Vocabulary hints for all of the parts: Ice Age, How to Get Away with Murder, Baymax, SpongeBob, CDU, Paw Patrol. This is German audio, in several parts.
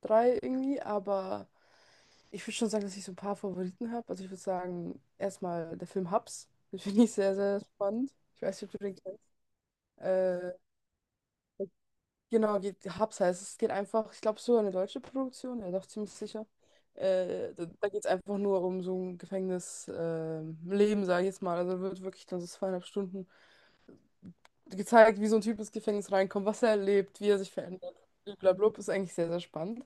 Drei irgendwie, aber ich würde schon sagen, dass ich so ein paar Favoriten habe. Also ich würde sagen, erstmal der Film Hubs. Den finde ich sehr, sehr spannend. Ich weiß nicht, ob du den kennst. Äh, genau, geht, Hubs heißt es. Es geht einfach, ich glaube, sogar eine deutsche Produktion, ja doch ziemlich sicher. Da geht es einfach nur um so ein Gefängnisleben, Leben, sage ich jetzt mal. Also wird wirklich dann so zweieinhalb Stunden gezeigt, wie so ein Typ ins Gefängnis reinkommt, was er erlebt, wie er sich verändert. Blablabla, ist eigentlich sehr, sehr spannend.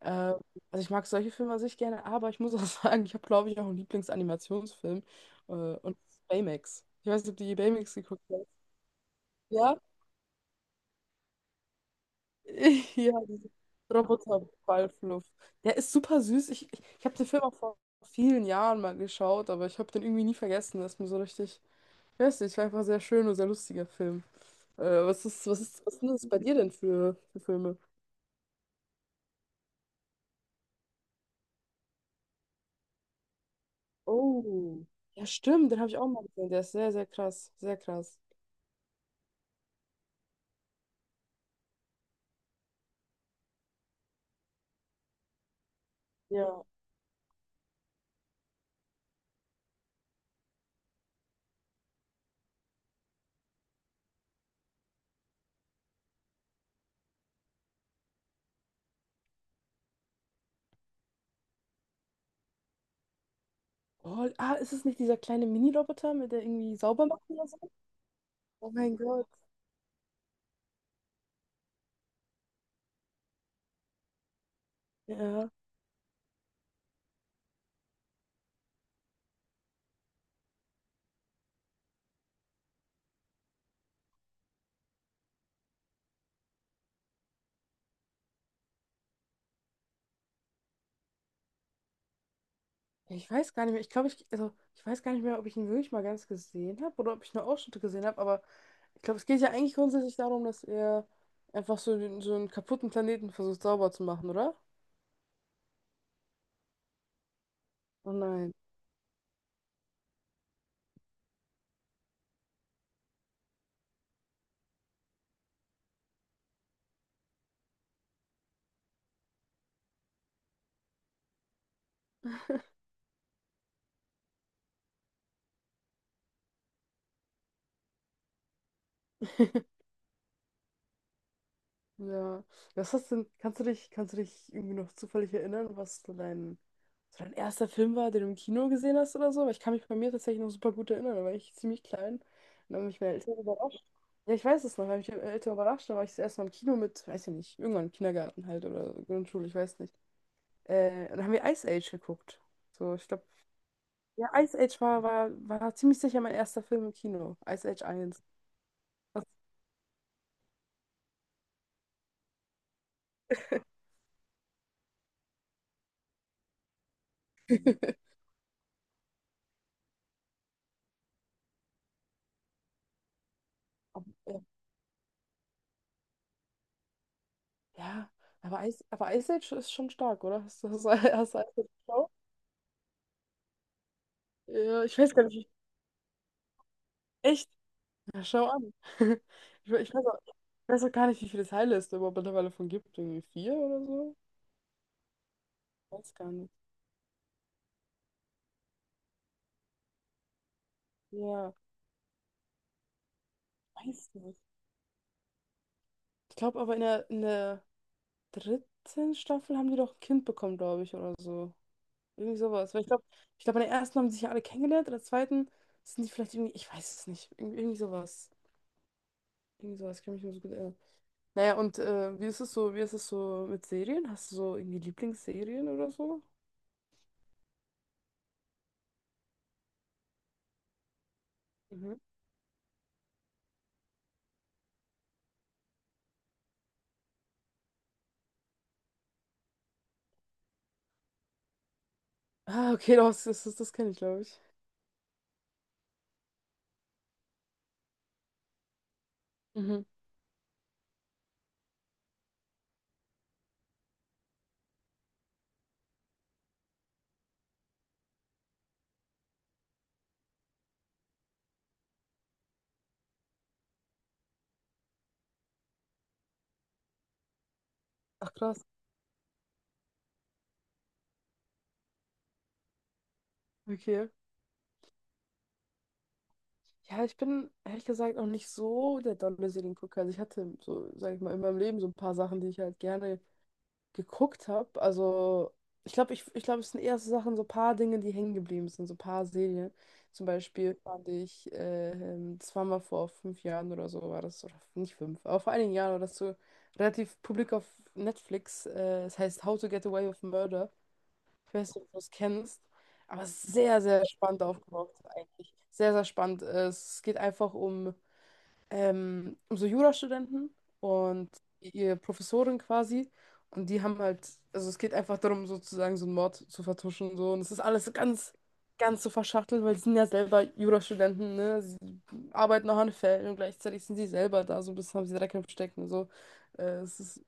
Äh, also ich mag solche Filme an sich gerne, aber ich muss auch sagen, ich habe, glaube ich, auch einen Lieblingsanimationsfilm. Und das ist Baymax. Ich weiß nicht, ob du je Baymax geguckt hast. Ja? Ja, dieser Roboterballfluff. Der ist super süß. Ich habe den Film auch vor vielen Jahren mal geschaut, aber ich habe den irgendwie nie vergessen. Das ist mir so richtig, ich weiß nicht, war einfach ein sehr schön und sehr lustiger Film. Was sind das bei dir denn für Filme? Ja, stimmt, den habe ich auch mal gesehen. Der ist sehr, sehr krass. Sehr krass. Oh, ah, ist es nicht dieser kleine Mini-Roboter, mit der irgendwie sauber macht oder so? Oh mein Gott. Ja. Ich weiß gar nicht mehr. Also, ich weiß gar nicht mehr, ob ich ihn wirklich mal ganz gesehen habe oder ob ich nur Ausschnitte gesehen habe, aber ich glaube, es geht ja eigentlich grundsätzlich darum, dass er einfach so, so einen kaputten Planeten versucht sauber zu machen, oder? Oh nein. Ja. Kannst du dich irgendwie noch zufällig erinnern, was so dein erster Film war, den du im Kino gesehen hast oder so? Weil ich kann mich bei mir tatsächlich noch super gut erinnern, da war ich ziemlich klein. Und dann haben mich meine Eltern überrascht. Ja, ich weiß es noch, weil ich meine Eltern überrascht, da war ich das erste Mal im Kino mit, weiß ich nicht, irgendwann im Kindergarten halt oder Grundschule, ich weiß nicht. Und dann haben wir Ice Age geguckt. So, ich glaube, ja, Ice Age war, war, war ziemlich sicher mein erster Film im Kino. Ice Age eins. Was-? Ja, aber Ice Age ist schon stark, oder? Hast du Ice Age geschaut? Ja, ich weiß gar nicht. Echt? Ja, schau an. Ich, we- ich weiß auch, ich weiß auch gar nicht, wie viele Teile es da überhaupt mittlerweile von gibt. Irgendwie vier oder so? Weiß gar nicht. Ja, weiß nicht. Ich glaube aber in in der dritten Staffel haben die doch ein Kind bekommen, glaube ich, oder so. Irgendwie sowas. Weil ich glaube, in der ersten haben sie sich ja alle kennengelernt, in der zweiten sind die vielleicht irgendwie, ich weiß es nicht. Irgendwie, irgendwie sowas. Irgendwie sowas, ich kann mich nur so gut erinnern. Naja, und wie ist es so, wie ist es so mit Serien? Hast du so irgendwie Lieblingsserien oder so? Mhm. Ah, okay, doch, das, das, das kenne ich, glaube ich. Mhm. Ach, krass. Okay. Ja, ich bin ehrlich gesagt auch nicht so der dolle Seriengucker. Also ich hatte so, sag ich mal, in meinem Leben so ein paar Sachen, die ich halt gerne geguckt habe. Also, ich glaube, es sind eher so Sachen, so paar Dinge, die hängen geblieben sind, so paar Serien. Zum Beispiel fand ich, das war mal vor fünf Jahren oder so, war das, oder nicht fünf, aber vor einigen Jahren war das so relativ publik auf Netflix. Es heißt How to Get Away with Murder. Ich weiß nicht, ob du das kennst, aber es ist sehr, sehr spannend aufgebaut, eigentlich. Sehr, sehr spannend. Es geht einfach um so Jurastudenten und ihre Professorin quasi. Und die haben halt, also es geht einfach darum, sozusagen so einen Mord zu vertuschen und so. Und es ist alles ganz, ganz so verschachtelt, weil sie sind ja selber Jurastudenten, ne? Sie arbeiten auch an Fällen und gleichzeitig sind sie selber da, so ein bisschen haben sie Dreck im Stecken und so. Es ist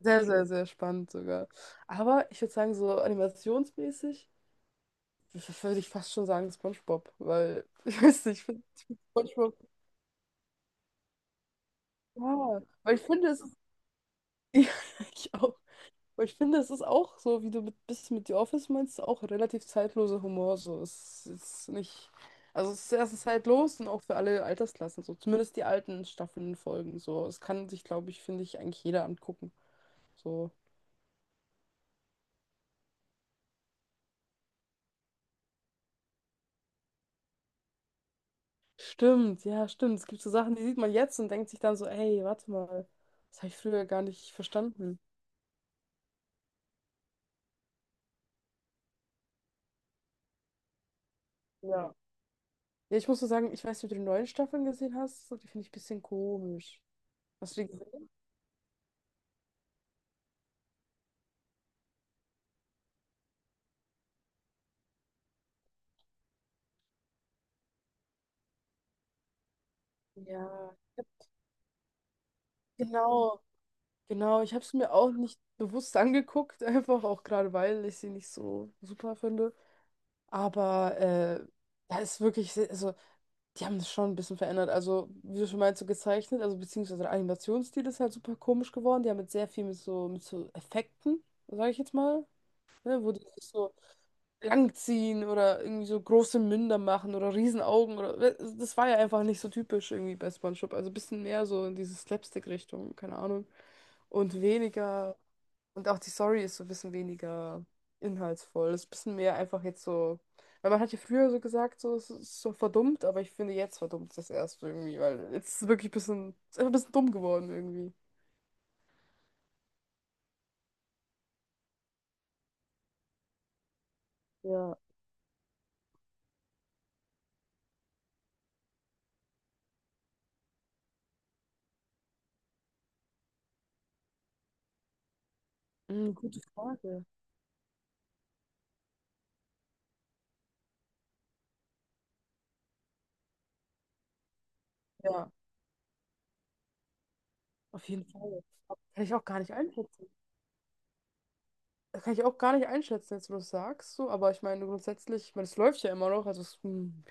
sehr, sehr, sehr spannend sogar. Aber ich würde sagen, so animationsmäßig würde ich fast schon sagen SpongeBob, weil ich weiß nicht, ich finde SpongeBob, ja, weil ich finde, es ist. Ja, ich auch. Aber ich finde, es ist auch so, wie du bist mit The Office meinst, auch relativ zeitloser Humor. So, es ist nicht. Also, es ist erstens zeitlos und auch für alle Altersklassen. So, zumindest die alten Staffeln folgen. So, es kann sich, glaube ich, finde ich, eigentlich jeder angucken. So, stimmt, ja, stimmt. Es gibt so Sachen, die sieht man jetzt und denkt sich dann so, ey, warte mal, das habe ich früher gar nicht verstanden. Ja. Ja, ich muss so sagen, ich weiß nicht, ob du die neuen Staffeln gesehen hast. So, die finde ich ein bisschen komisch. Hast du die gesehen? Ja. Genau, genau, ich habe es mir auch nicht bewusst angeguckt, einfach auch gerade weil ich sie nicht so super finde. Aber da ist wirklich, also die haben das schon ein bisschen verändert. Also, wie du schon meinst, so gezeichnet, also beziehungsweise der Animationsstil ist halt super komisch geworden. Die haben jetzt sehr viel mit mit so Effekten, sage ich jetzt mal, ne, wo die sich so langziehen oder irgendwie so große Münder machen oder Riesenaugen oder das war ja einfach nicht so typisch irgendwie bei SpongeBob. Also ein bisschen mehr so in diese Slapstick-Richtung, keine Ahnung. Und weniger. Und auch die Story ist so ein bisschen weniger inhaltsvoll. Ist ein bisschen mehr einfach jetzt so. Weil man hat ja früher so gesagt, so, es ist so verdummt, aber ich finde, jetzt verdummt es das erst irgendwie, weil jetzt ist es wirklich ein bisschen, ist einfach ein bisschen dumm geworden irgendwie. Ja, hm, gute Frage. Ja, auf jeden Fall. Kann ich auch gar nicht einschätzen. Das kann ich auch gar nicht einschätzen, jetzt wo du es sagst, so, aber ich meine grundsätzlich, ich meine, es läuft ja immer noch, also es hm,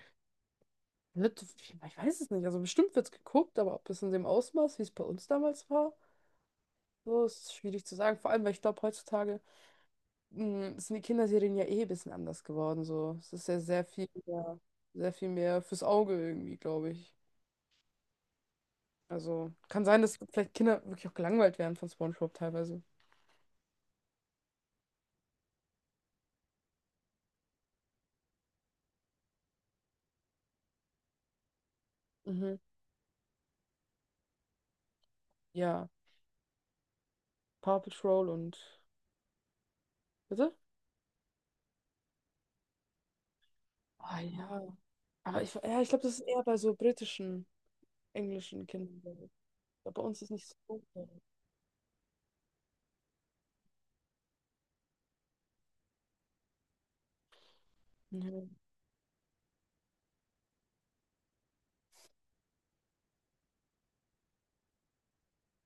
wird, ich weiß es nicht, also bestimmt wird es geguckt, aber ob es in dem Ausmaß, wie es bei uns damals war, so ist schwierig zu sagen. Vor allem, weil ich glaube, heutzutage sind die Kinderserien ja eh ein bisschen anders geworden. So. Es ist ja sehr viel mehr fürs Auge irgendwie, glaube ich. Also kann sein, dass vielleicht Kinder wirklich auch gelangweilt werden von SpongeBob teilweise. Mhm. Ja, Paw Patrol und. Bitte? Ah ja. Aber ich, ja, ich glaube, das ist eher bei so britischen, englischen Kindern. So. Ich glaub, bei uns ist nicht so. Mhm.